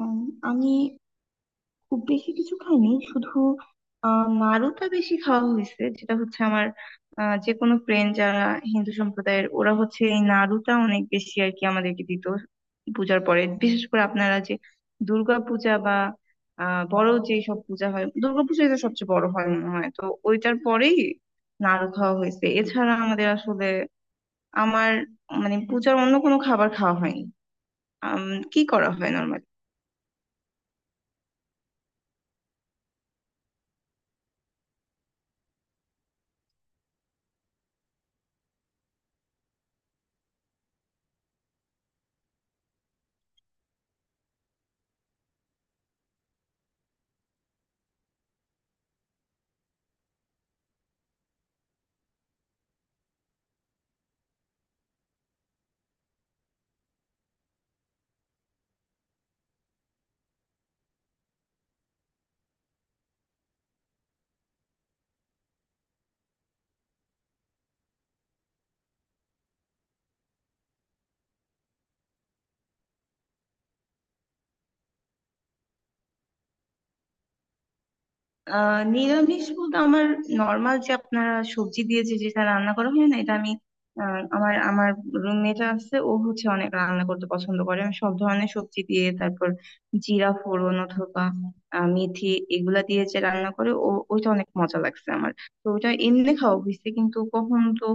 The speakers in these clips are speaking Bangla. উম, আমি খুব বেশি কিছু খাইনি। শুধু নাড়ুটা বেশি খাওয়া হয়েছে, যেটা হচ্ছে আমার যে কোনো ফ্রেন্ড যারা হিন্দু সম্প্রদায়ের, ওরা হচ্ছে এই নাড়ুটা অনেক বেশি আর কি আমাদেরকে দিত পূজার পরে। বিশেষ করে আপনারা যে দুর্গা পূজা বা বড় যে সব পূজা হয়, দুর্গাপূজাই তো সবচেয়ে বড় হয় মনে হয় তো, ওইটার পরেই নাড়ু খাওয়া হয়েছে। এছাড়া আমাদের আসলে আমার মানে পূজার অন্য কোনো খাবার খাওয়া হয়নি। আম, কি করা হয় নর্মালি? নিরামিষ বলতে আমার নর্মাল যে আপনারা সবজি দিয়ে যে যেটা রান্না করা হয় না, এটা আমি আহ, আমার আমার রুমমেট আছে, ও হচ্ছে অনেক রান্না করতে পছন্দ করে। আমি সব ধরনের সবজি দিয়ে তারপর জিরা ফোড়ন অথবা মেথি এগুলা দিয়ে যে রান্না করে ও, ওইটা অনেক মজা লাগছে আমার। তো ওটা এমনি খাওয়া হয়েছে, কিন্তু কখন তো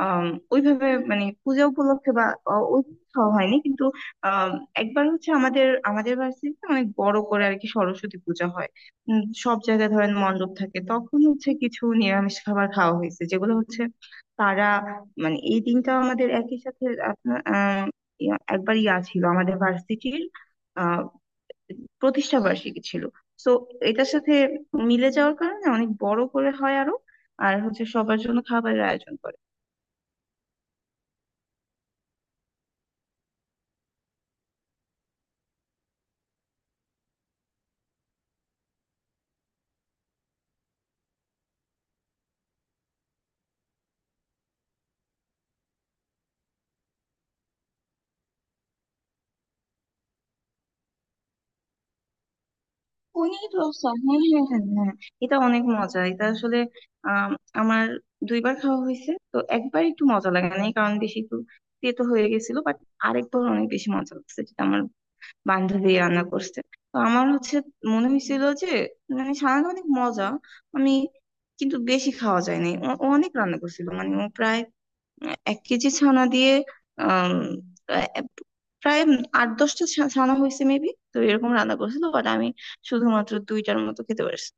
আহ ওইভাবে মানে পূজা উপলক্ষে বা আহ, ওই খাওয়া হয়নি, কিন্তু আহ একবার হচ্ছে আমাদের আমাদের বাড়িতে অনেক বড় করে আর কি সরস্বতী পূজা হয়। সব জায়গায় ধরেন মণ্ডপ থাকে, তখন হচ্ছে কিছু নিরামিষ খাবার খাওয়া হয়েছে, যেগুলো হচ্ছে তারা মানে এই দিনটা আমাদের একই সাথে আপনার একবার ইয়া ছিল আমাদের ভার্সিটির আহ প্রতিষ্ঠা বার্ষিকী ছিল। তো এটার সাথে মিলে যাওয়ার কারণে অনেক বড় করে হয় আরো, আর হচ্ছে সবার জন্য খাবারের আয়োজন করে। পনির রসা, হ্যাঁ হ্যাঁ হ্যাঁ হ্যাঁ, এটা অনেক মজা। এটা আসলে আম, আমার দুইবার খাওয়া হয়েছে তো। একবার একটু মজা লাগে না, কারণ বেশি একটু তেতো হয়ে গেছিল, বাট আরেকবার অনেক বেশি মজা লাগছে, যেটা আমার বান্ধবী রান্না করছে। তো আমার হচ্ছে মনে হয়েছিল যে মানে সারাটা অনেক মজা, আমি কিন্তু বেশি খাওয়া যায় নাই। ও ও অনেক রান্না করছিল, মানে ও প্রায় এক কেজি ছানা দিয়ে আম, আহ, প্রায় আট দশটা ছানা হয়েছে মেবি, তো এরকম রান্না করেছিল, বাট আমি শুধুমাত্র দুইটার মতো খেতে পারছি।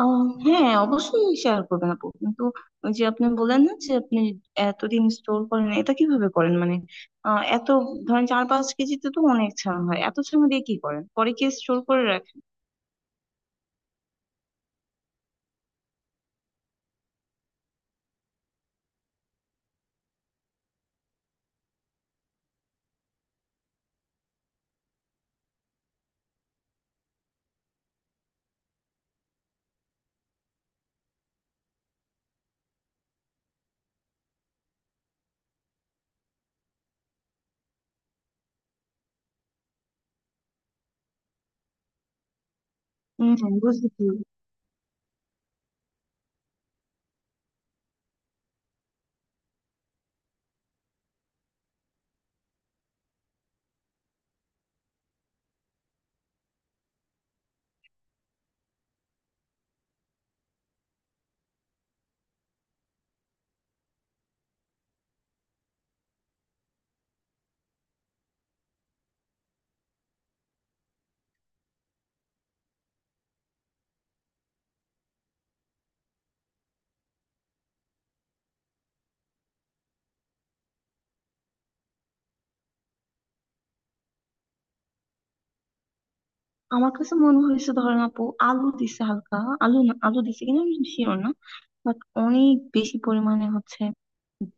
আহ, হ্যাঁ অবশ্যই শেয়ার করবেন আপু, কিন্তু ওই যে আপনি বললেন না যে আপনি এতদিন স্টোর করেন, এটা কিভাবে করেন মানে এত ধরেন চার পাঁচ কেজিতে তো অনেক ছানা হয়, এত ছানা দিয়ে কি করেন পরে? কি স্টোর করে রাখেন? হম, বুঝেছি। আমার কাছে মনে হয়েছে ধরেন আপু আলু দিছে হালকা, আলু না, আলু দিছে কিনা আমি শিওর না, বাট অনেক বেশি পরিমাণে হচ্ছে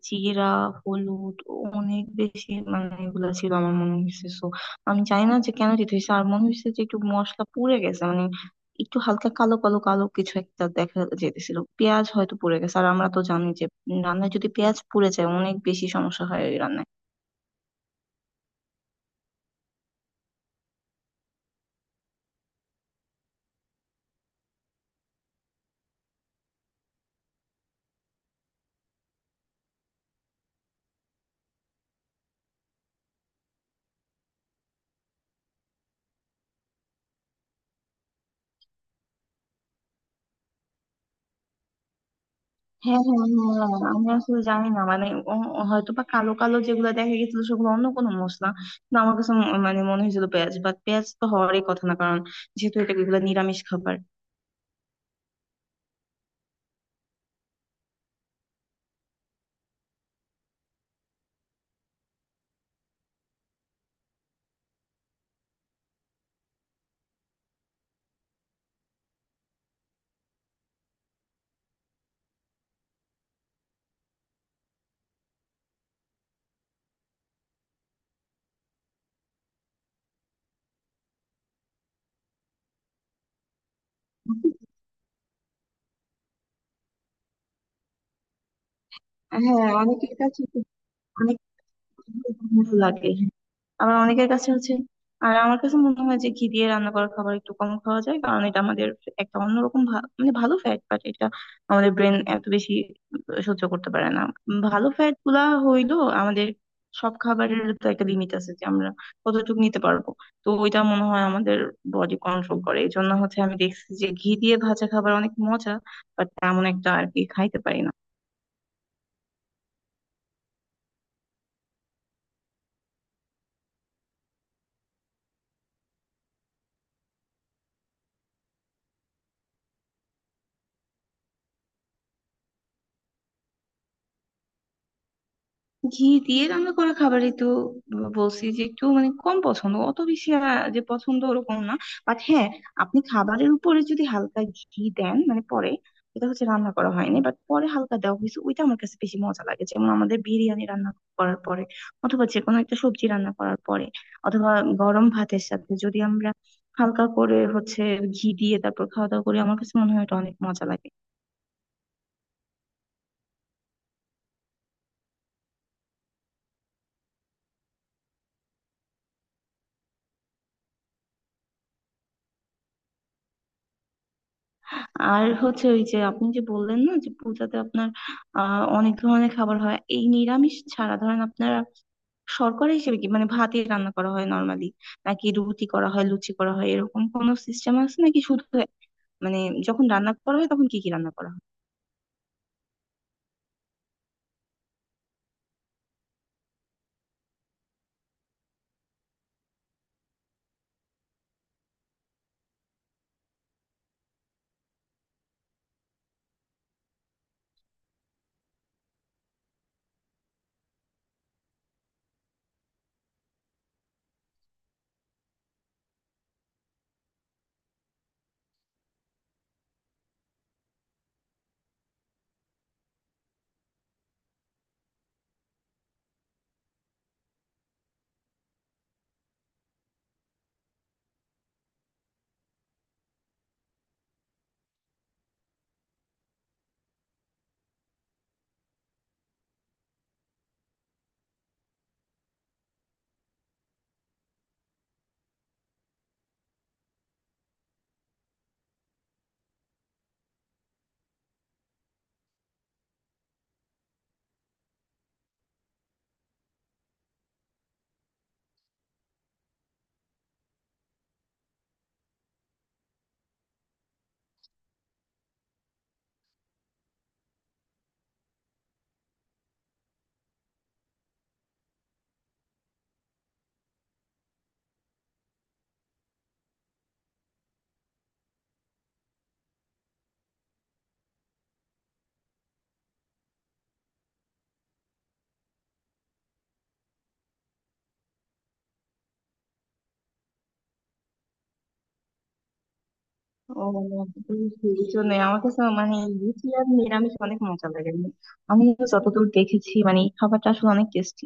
জিরা, হলুদ অনেক বেশি, মানে এগুলা ছিল আমার মনে হয়েছে। সো আমি জানি না যে কেন দিতে হয়েছে, আর মনে হয়েছে যে একটু মশলা পুড়ে গেছে, মানে একটু হালকা কালো কালো কালো কিছু একটা দেখা যেতেছিল, পেঁয়াজ হয়তো পুড়ে গেছে, আর আমরা তো জানি যে রান্নায় যদি পেঁয়াজ পুড়ে যায় অনেক বেশি সমস্যা হয় রান্নায়। হ্যাঁ হ্যাঁ হ্যাঁ, আমি আসলে জানি না মানে হয়তো বা কালো কালো যেগুলো দেখা গেছিল সেগুলো অন্য কোনো মশলা, কিন্তু আমার কাছে মানে মনে হয়েছিল পেঁয়াজ, বাট পেঁয়াজ তো হওয়ারই কথা না, কারণ যেহেতু এটা এগুলো নিরামিষ খাবার। হ্যাঁ, অনেকের কাছে তো অনেক ভালো লাগে, আবার অনেকের কাছে হচ্ছে। আর আমার কাছে মনে হয় যে ঘি দিয়ে রান্না করা খাবার একটু কম খাওয়া যায়, কারণ এটা আমাদের একটা অন্যরকম মানে ভালো ফ্যাট, বাট এটা আমাদের ব্রেন এত বেশি সহ্য করতে পারে না। ভালো ফ্যাট গুলা হইলো আমাদের, সব খাবারের তো একটা লিমিট আছে যে আমরা কতটুকু নিতে পারবো। তো ওইটা মনে হয় আমাদের বডি কন্ট্রোল করে, এই জন্য হচ্ছে আমি দেখছি যে ঘি দিয়ে ভাজা খাবার অনেক মজা, বাট তেমন একটা আর কি খাইতে পারি না। ঘি দিয়ে রান্না করা খাবারই তো বলছি যে একটু মানে কম পছন্দ, অত বেশি যে পছন্দ ওরকম না, বাট হ্যাঁ, আপনি খাবারের উপরে যদি হালকা ঘি দেন মানে পরে, এটা হচ্ছে রান্না করা হয়নি, বাট পরে হালকা দেওয়া হয়েছে, ওইটা আমার কাছে বেশি মজা লাগে। যেমন আমাদের বিরিয়ানি রান্না করার পরে অথবা যে কোনো একটা সবজি রান্না করার পরে অথবা গরম ভাতের সাথে যদি আমরা হালকা করে হচ্ছে ঘি দিয়ে তারপর খাওয়া দাওয়া করি, আমার কাছে মনে হয় এটা অনেক মজা লাগে। আর হচ্ছে ওই যে আপনি যে বললেন না যে পূজাতে আপনার অনেক ধরনের খাবার হয় এই নিরামিষ ছাড়া, ধরেন আপনারা শর্করা হিসেবে কি মানে ভাতই রান্না করা হয় নর্মালি, নাকি রুটি করা হয়, লুচি করা হয়, এরকম কোনো সিস্টেম আছে নাকি শুধু মানে যখন রান্না করা হয় তখন কি কি রান্না করা হয়? ও, বুঝছি, এই জন্য আমার কাছে মানে লুচি আর নিরামিষ অনেক মজা লাগে। আমি যতদূর দেখেছি মানে এই খাবারটা আসলে অনেক টেস্টি।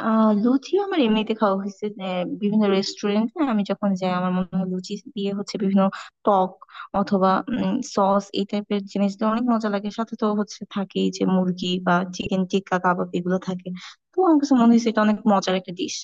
লুচি আমার এমনিতে খাওয়া হয়েছে যে বিভিন্ন রেস্টুরেন্টে আমি যখন যাই, আমার মনে হয় লুচি দিয়ে হচ্ছে বিভিন্ন টক অথবা সস এই টাইপের জিনিস দিয়ে অনেক মজা লাগে, সাথে তো হচ্ছে থাকেই যে মুরগি বা চিকেন টিক্কা কাবাব এগুলো থাকে। তো আমার কাছে মনে হয়েছে এটা অনেক মজার একটা ডিশ।